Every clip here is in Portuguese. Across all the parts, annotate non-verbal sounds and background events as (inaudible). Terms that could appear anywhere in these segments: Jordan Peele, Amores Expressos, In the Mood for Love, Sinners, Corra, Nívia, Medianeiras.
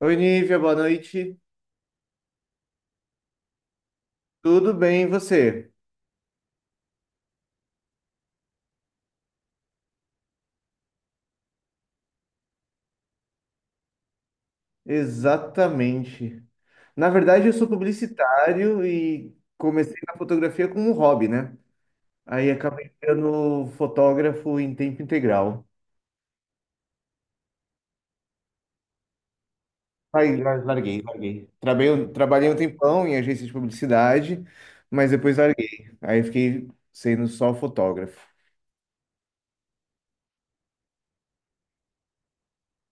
Oi, Nívia, boa noite. Tudo bem, e você? Exatamente. Na verdade, eu sou publicitário e comecei na fotografia como um hobby, né? Aí acabei sendo fotógrafo em tempo integral. Aí larguei, larguei. Trabalhei, um tempão em agência de publicidade, mas depois larguei. Aí fiquei sendo só fotógrafo.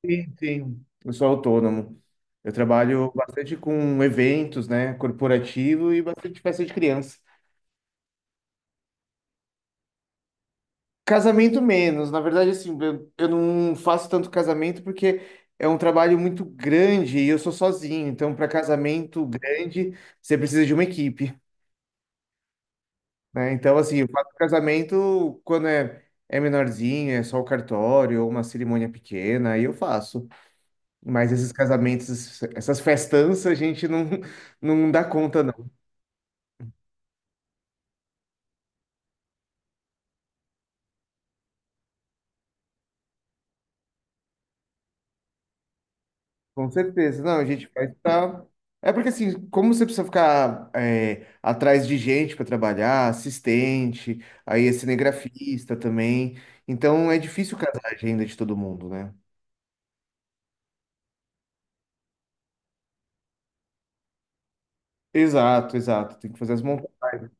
Sim, sim. Eu sou autônomo. Eu trabalho bastante com eventos, né, corporativo e bastante festa de criança. Casamento menos, na verdade, assim, eu não faço tanto casamento porque é um trabalho muito grande e eu sou sozinho, então para casamento grande você precisa de uma equipe, né? Então, assim, eu faço casamento quando é menorzinho, é só o cartório ou uma cerimônia pequena, aí eu faço. Mas esses casamentos, essas festanças, a gente não dá conta. Com certeza. Não, a gente vai estar. É porque assim, como você precisa ficar é, atrás de gente para trabalhar, assistente, aí é cinegrafista também. Então é difícil casar a agenda de todo mundo, né? Exato, exato. Tem que fazer as montagens.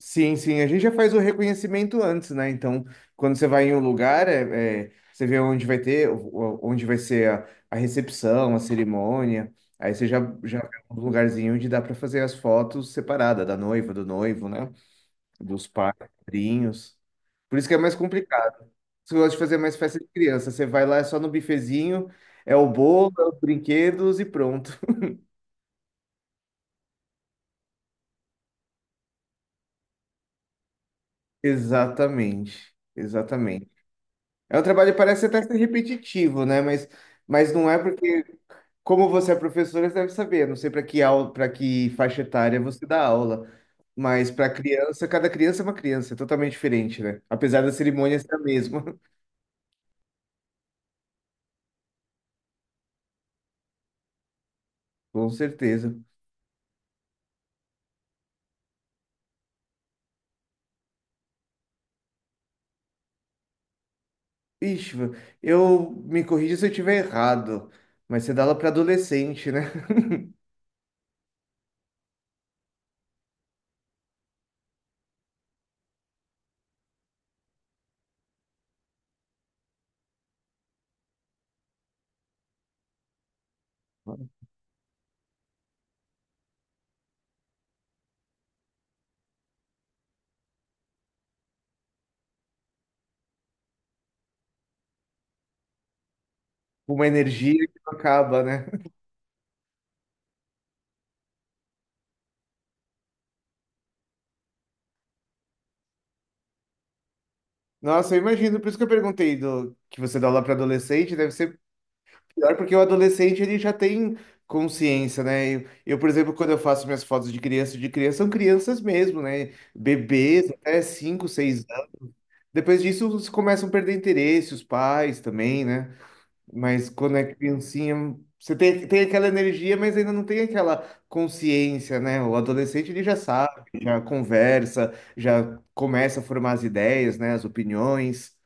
Sim, sim. A gente já faz o reconhecimento antes, né? Então, quando você vai em um lugar, você vê onde vai ter, onde vai ser a recepção, a cerimônia. Aí você já vê um lugarzinho onde dá para fazer as fotos separada da noiva, do noivo, né? Dos padrinhos. Por isso que é mais complicado. Você gosta de fazer mais festa de criança. Você vai lá, é só no bifezinho, é o bolo, é os brinquedos e pronto. (laughs) Exatamente, exatamente. É um trabalho que parece até ser repetitivo, né? Mas não é porque, como você é professora, você deve saber. Não sei para que aula, para que faixa etária você dá aula. Mas para criança, cada criança é uma criança, é totalmente diferente, né? Apesar da cerimônia ser a mesma, (laughs) com certeza. Ixi, eu me corrija se eu estiver errado, mas você dá aula para adolescente, né? (laughs) Uma energia que não acaba, né? Nossa, eu imagino, por isso que eu perguntei do que você dá aula para adolescente, deve ser pior porque o adolescente ele já tem consciência, né? Eu, por exemplo, quando eu faço minhas fotos de criança são crianças mesmo, né? Bebês até 5, 6 anos. Depois disso, eles começam a perder interesse, os pais também, né? Mas quando é criancinha, você tem aquela energia, mas ainda não tem aquela consciência, né? O adolescente ele já sabe, já conversa, já começa a formar as ideias, né? As opiniões.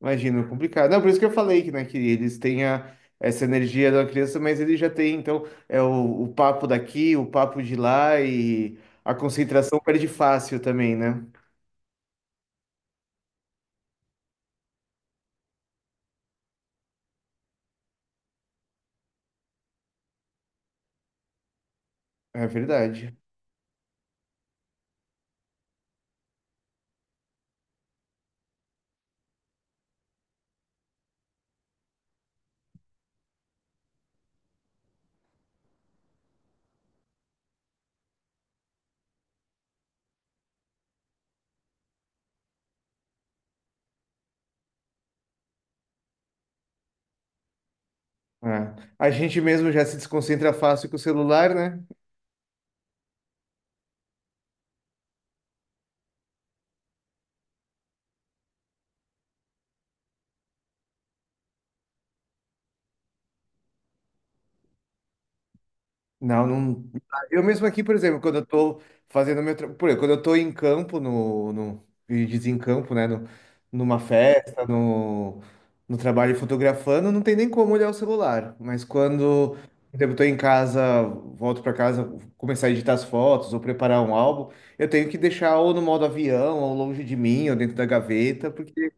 Imagino, complicado. Não, por isso que eu falei que, né, que eles têm essa energia da criança, mas ele já tem, então, é o papo daqui, o papo de lá e a concentração perde fácil também, né? É verdade. É. A gente mesmo já se desconcentra fácil com o celular, né? Não, não. Eu mesmo aqui, por exemplo, quando eu tô fazendo por exemplo, quando eu tô em campo no e desencampo, né, no, numa festa, no, no trabalho fotografando, não tem nem como olhar o celular. Mas quando, por exemplo, eu tô em casa, volto para casa, começar a editar as fotos ou preparar um álbum, eu tenho que deixar ou no modo avião, ou longe de mim, ou dentro da gaveta, porque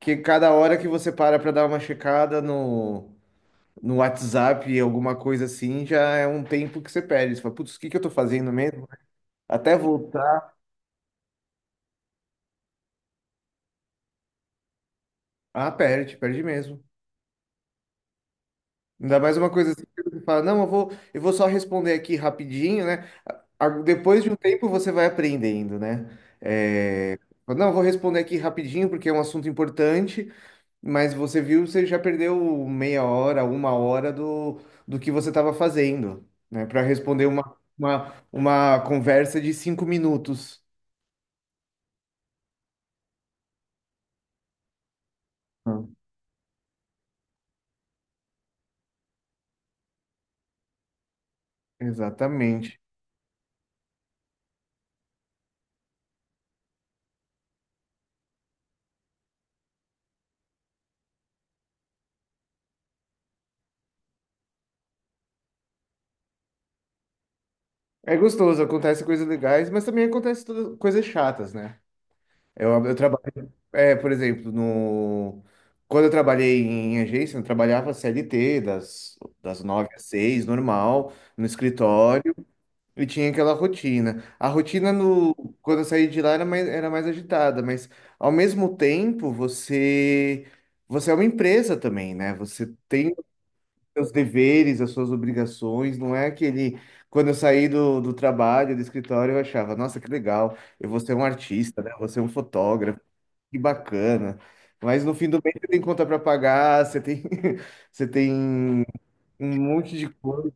que cada hora que você para dar uma checada no WhatsApp, alguma coisa assim, já é um tempo que você perde. Você fala, putz, o que que eu tô fazendo mesmo? Até voltar. Ah, perde, perde mesmo. Ainda mais uma coisa assim que você fala, não, eu vou só responder aqui rapidinho, né? Depois de um tempo você vai aprendendo, né? É, fala, não, eu vou responder aqui rapidinho porque é um assunto importante, mas você viu, você já perdeu meia hora, uma hora do que você estava fazendo, né? Para responder uma conversa de 5 minutos. Exatamente. É gostoso, acontece coisas legais, mas também acontece coisas chatas, né? Eu trabalho, por exemplo, no quando eu trabalhei em agência, eu trabalhava CLT das 9 às 6, normal, no escritório, e tinha aquela rotina. A rotina no quando eu saí de lá era mais, agitada, mas ao mesmo tempo você é uma empresa também, né? Você tem seus deveres, as suas obrigações, não é aquele. Quando eu saí do trabalho, do escritório, eu achava, nossa, que legal, eu vou ser um artista, né? Eu vou ser um fotógrafo, que bacana. Mas no fim do mês você tem conta para pagar, você tem, (laughs) você tem um monte de coisa.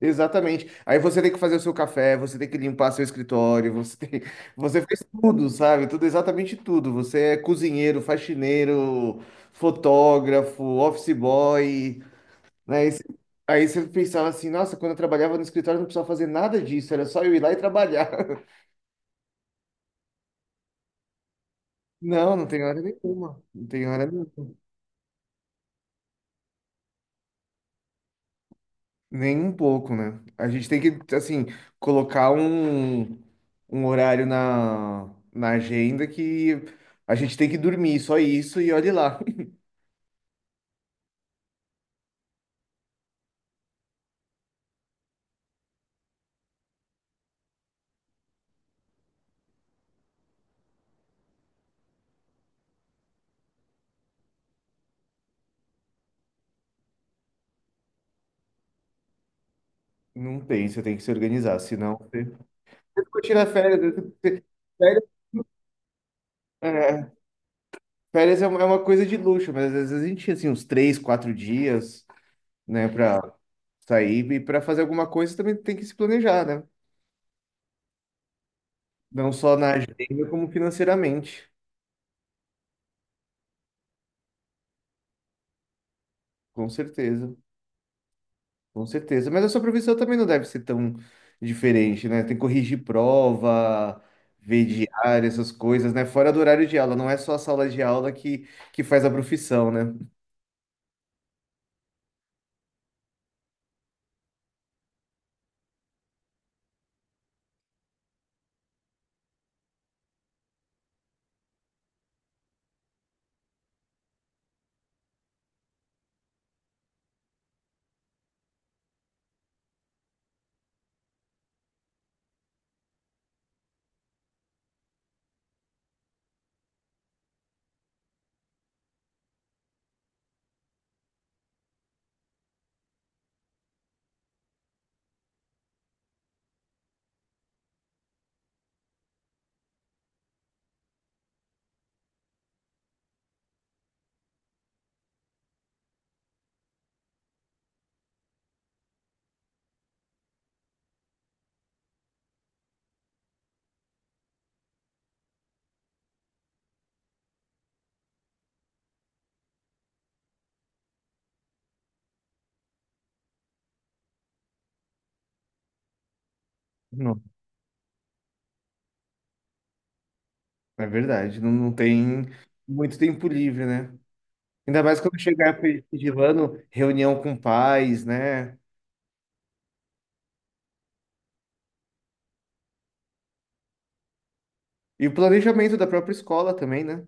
Exatamente. Aí você tem que fazer o seu café, você tem que limpar seu escritório, você tem, você faz tudo, sabe? Tudo, exatamente tudo. Você é cozinheiro, faxineiro, fotógrafo, office boy, né? Aí você pensava assim, nossa, quando eu trabalhava no escritório eu não precisava fazer nada disso, era só eu ir lá e trabalhar. (laughs) Não, não tem hora nenhuma. Não tem hora nenhuma. Nem um pouco, né? A gente tem que, assim, colocar um horário na agenda que a gente tem que dormir, só isso, e olhe lá. (laughs) Não tem, você tem que se organizar, senão você ficou tirando férias, né? Férias, é, é uma coisa de luxo, mas às vezes a gente tinha assim, uns 3, 4 dias, né, pra sair, e para fazer alguma coisa também tem que se planejar, né? Não só na agenda, como financeiramente. Com certeza, com certeza. Mas a sua profissão também não deve ser tão diferente, né? Tem que corrigir prova, ver diário, essas coisas, né? Fora do horário de aula, não é só a sala de aula que faz a profissão, né? Não, é verdade. Não, não tem muito tempo livre, né? Ainda mais quando chegar de reunião com pais, né? E o planejamento da própria escola também, né?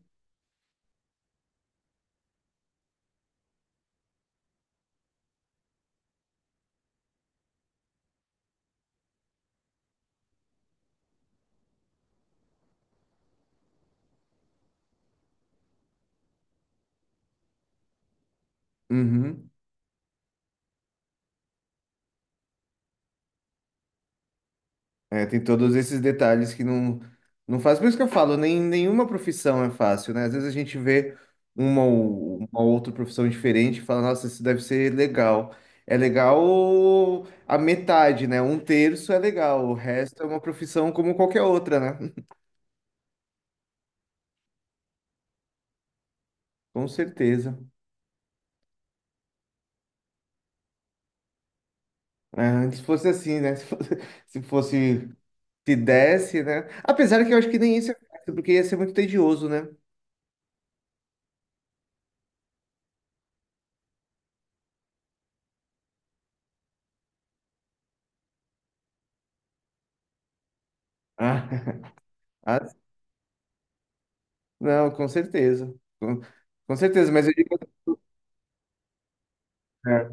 Uhum. É, tem todos esses detalhes que não faz. Por isso que eu falo, nem, nenhuma profissão é fácil, né? Às vezes a gente vê uma ou uma outra profissão diferente e fala, nossa, isso deve ser legal. É legal a metade, né? Um terço é legal, o resto é uma profissão como qualquer outra, né? (laughs) Com certeza. É, antes fosse assim, né? (laughs) Se fosse- se desse, né? Apesar que eu acho que nem isso é fácil, porque ia ser muito tedioso, né? Ah, (laughs) ah, não, com certeza. Com com certeza, mas eu digo, é,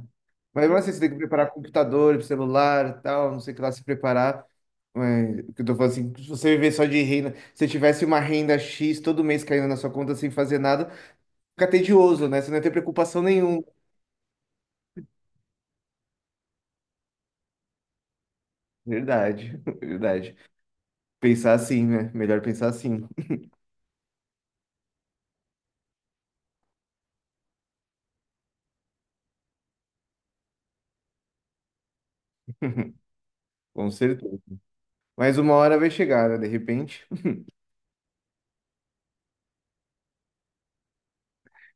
mas não assim, você tem que preparar computador, celular, e tal, não sei o que lá se preparar. Mas, o que eu tô falando assim, se você viver só de renda, se tivesse uma renda X todo mês caindo na sua conta sem fazer nada, fica tedioso, né? Você não ia ter preocupação nenhuma. Verdade, (laughs) verdade. Pensar assim, né? Melhor pensar assim, com certeza. Mas uma hora vai chegar, né? De repente. (laughs)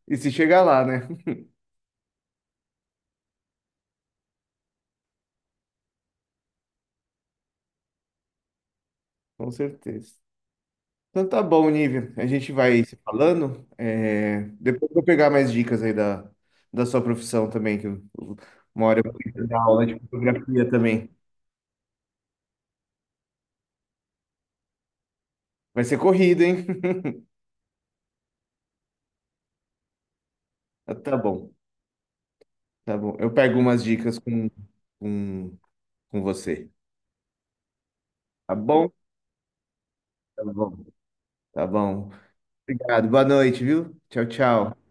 E se chegar lá, né? Com certeza. Então tá bom, Nívia. A gente vai se falando. É, depois eu vou pegar mais dicas aí da sua profissão também, que uma hora eu vou dar aula de fotografia também. Vai ser corrida, hein? (laughs) Ah, tá bom, tá bom. Eu pego umas dicas com, com você. Tá bom? Tá bom. Tá bom. Obrigado. Boa noite, viu? Tchau, tchau.